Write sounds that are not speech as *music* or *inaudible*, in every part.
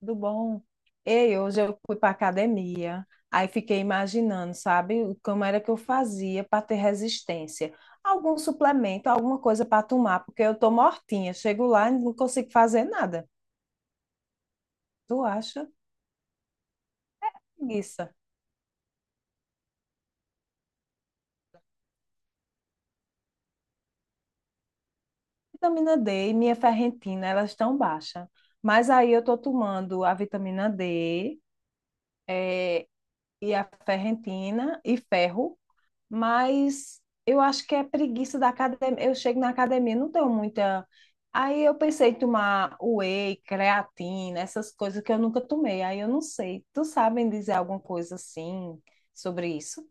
Tudo bom? Ei, hoje eu fui para academia, aí fiquei imaginando, sabe, como era que eu fazia para ter resistência. Algum suplemento, alguma coisa para tomar, porque eu tô mortinha. Chego lá e não consigo fazer nada. Tu acha? Preguiça. Vitamina D e minha ferritina, elas estão baixas. Mas aí eu tô tomando a vitamina D, eh, e a ferritina e ferro. Mas eu acho que é preguiça da academia. Eu chego na academia, não tenho muita. Aí eu pensei em tomar whey, creatina, essas coisas que eu nunca tomei. Aí eu não sei. Tu sabem dizer alguma coisa assim sobre isso?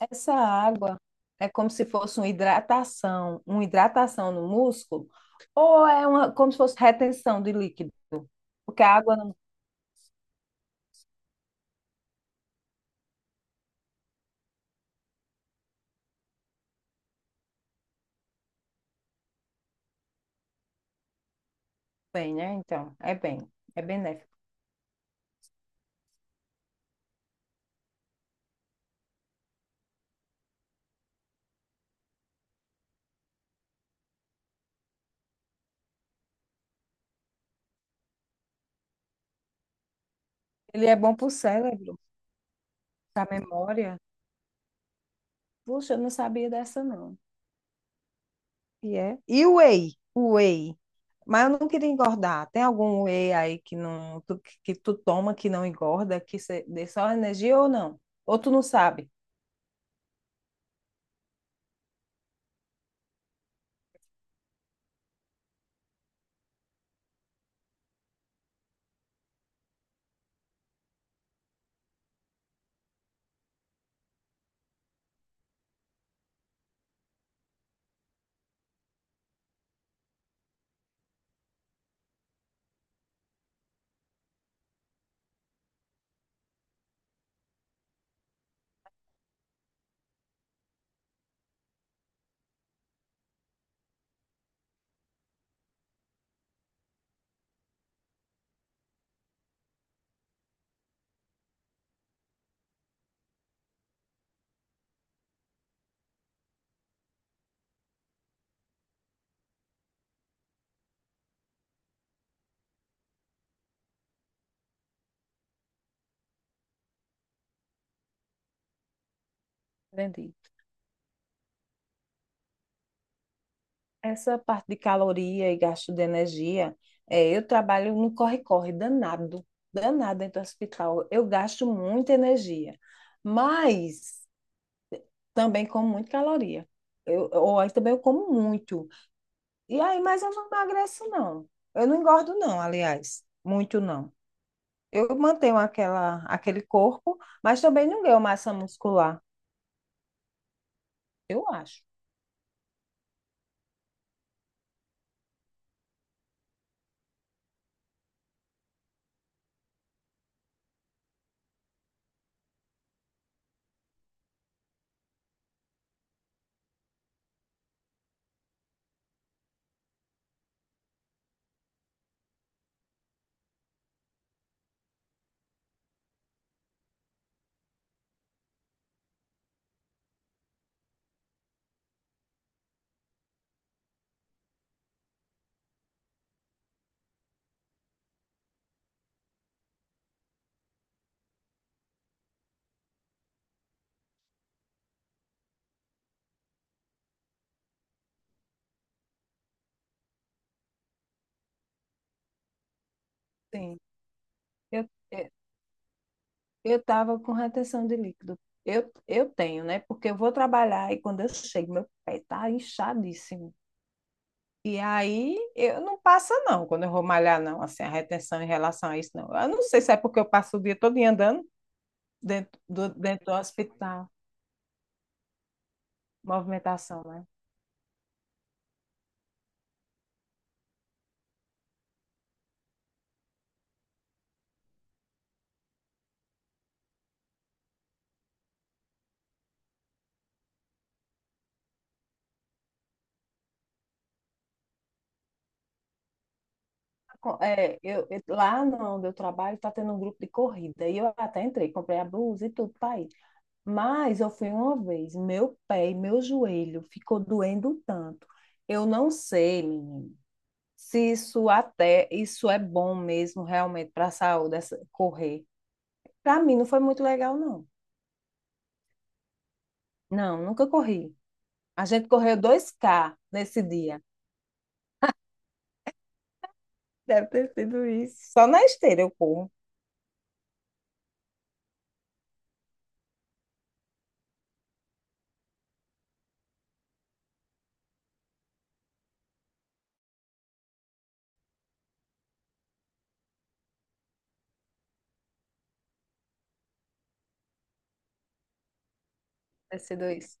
Essa água é como se fosse uma hidratação no músculo, ou é uma, como se fosse retenção de líquido? Porque a água não tem, né? Então, é bem, é benéfico. Ele é bom para o cérebro, para a memória. Puxa, eu não sabia dessa, não. E é. E o whey? O whey. Mas eu não queria engordar. Tem algum whey aí que não que que tu toma que não engorda, que cê dê só energia ou não? Ou tu não sabe? Entendi. Essa parte de caloria e gasto de energia, é, eu trabalho no corre-corre danado, danado dentro do hospital. Eu gasto muita energia, mas também como muita caloria. Ou aí também eu como muito. E aí, mas eu não emagreço, não. Eu não engordo, não, aliás. Muito não. Eu mantenho aquele corpo, mas também não ganho massa muscular. Eu acho. Sim. Eu, eu eu tava com retenção de líquido. Eu tenho, né? Porque eu vou trabalhar e quando eu chego, meu pé tá inchadíssimo. E aí eu não passa, não, quando eu vou malhar, não. Assim, a retenção em relação a isso, não. Eu não sei se é porque eu passo o dia todo andando dentro do hospital. Movimentação, né? É, lá onde eu trabalho tá tendo um grupo de corrida. E eu até entrei, comprei a blusa e tudo para ir. Mas eu fui uma vez, meu pé e meu joelho ficou doendo tanto. Eu não sei, menino, se isso até isso é bom mesmo realmente para a saúde, correr. Para mim não foi muito legal, não. Não, nunca corri. A gente correu 2 km nesse dia. Deve ter sido isso. Só na esteira eu corro. Deve ter sido isso.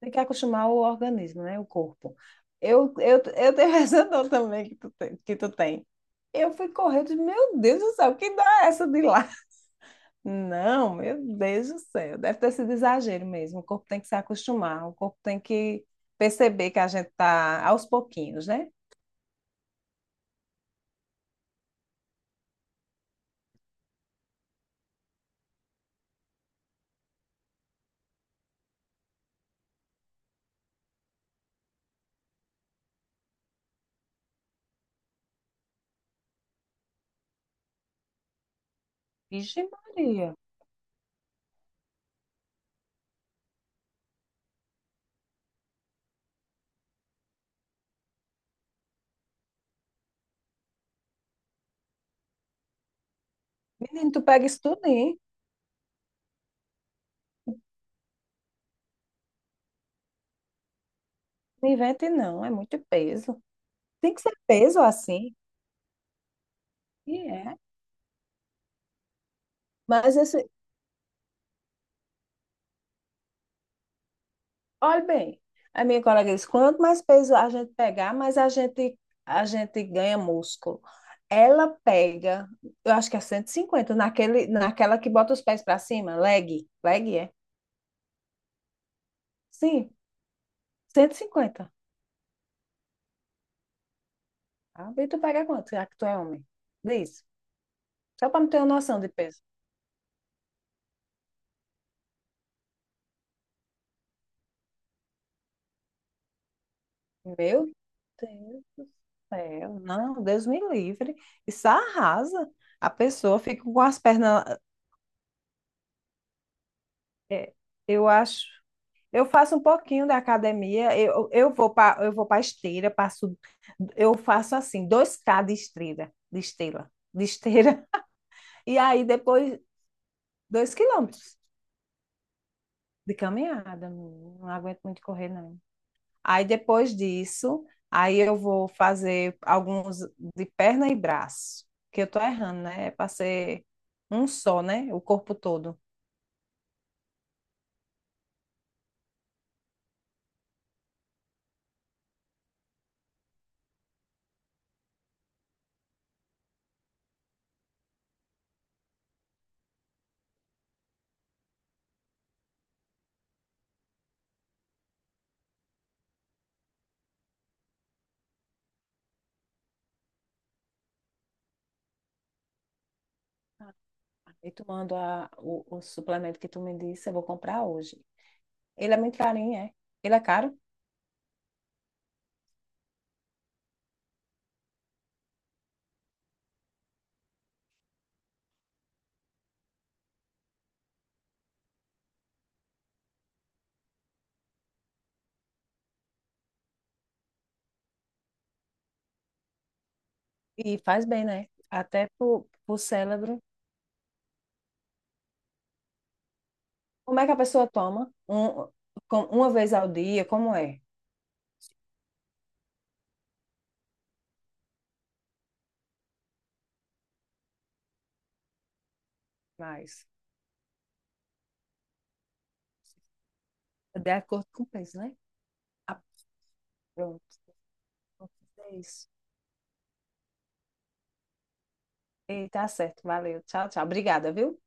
Tem que acostumar o organismo, né? O corpo. Eu tenho essa *laughs* dor também que tu tem. Eu fui correr, eu disse, meu Deus do céu, que dá essa de lá? Não, meu Deus do céu, deve ter sido exagero mesmo. O corpo tem que se acostumar, o corpo tem que perceber que a gente tá aos pouquinhos, né? Vixe Maria, menino, tu pega isso tudo, hein? Não invente não, é muito peso. Tem que ser peso assim, e é. Mas esse, Olha bem, a minha colega disse, quanto mais peso a gente pegar, mais a gente ganha músculo. Ela pega, eu acho que é 150 naquela que bota os pés para cima, leg é? Sim, 150. Ah, e tu pega quanto, já que tu é homem? Diz, só para não ter uma noção de peso. Meu Deus do céu, não, Deus me livre. Isso arrasa. A pessoa fica com as pernas, é, eu acho. Eu faço um pouquinho da academia, eu vou para esteira, passo eu faço assim, 2 km de esteira, *laughs* e aí depois 2 quilômetros de caminhada, não aguento muito correr não. Aí depois disso, aí eu vou fazer alguns de perna e braço, que eu tô errando, né? É para ser um só, né? O corpo todo. E tomando o suplemento que tu me disse, eu vou comprar hoje. Ele é muito carinho, é? Ele é caro? E faz bem, né? Até pro cérebro. Como é que a pessoa toma? Uma vez ao dia, como é? Mas, de acordo com o peso, né? Ah, pronto. Vou fazer isso. E tá certo. Valeu. Tchau, tchau. Obrigada, viu?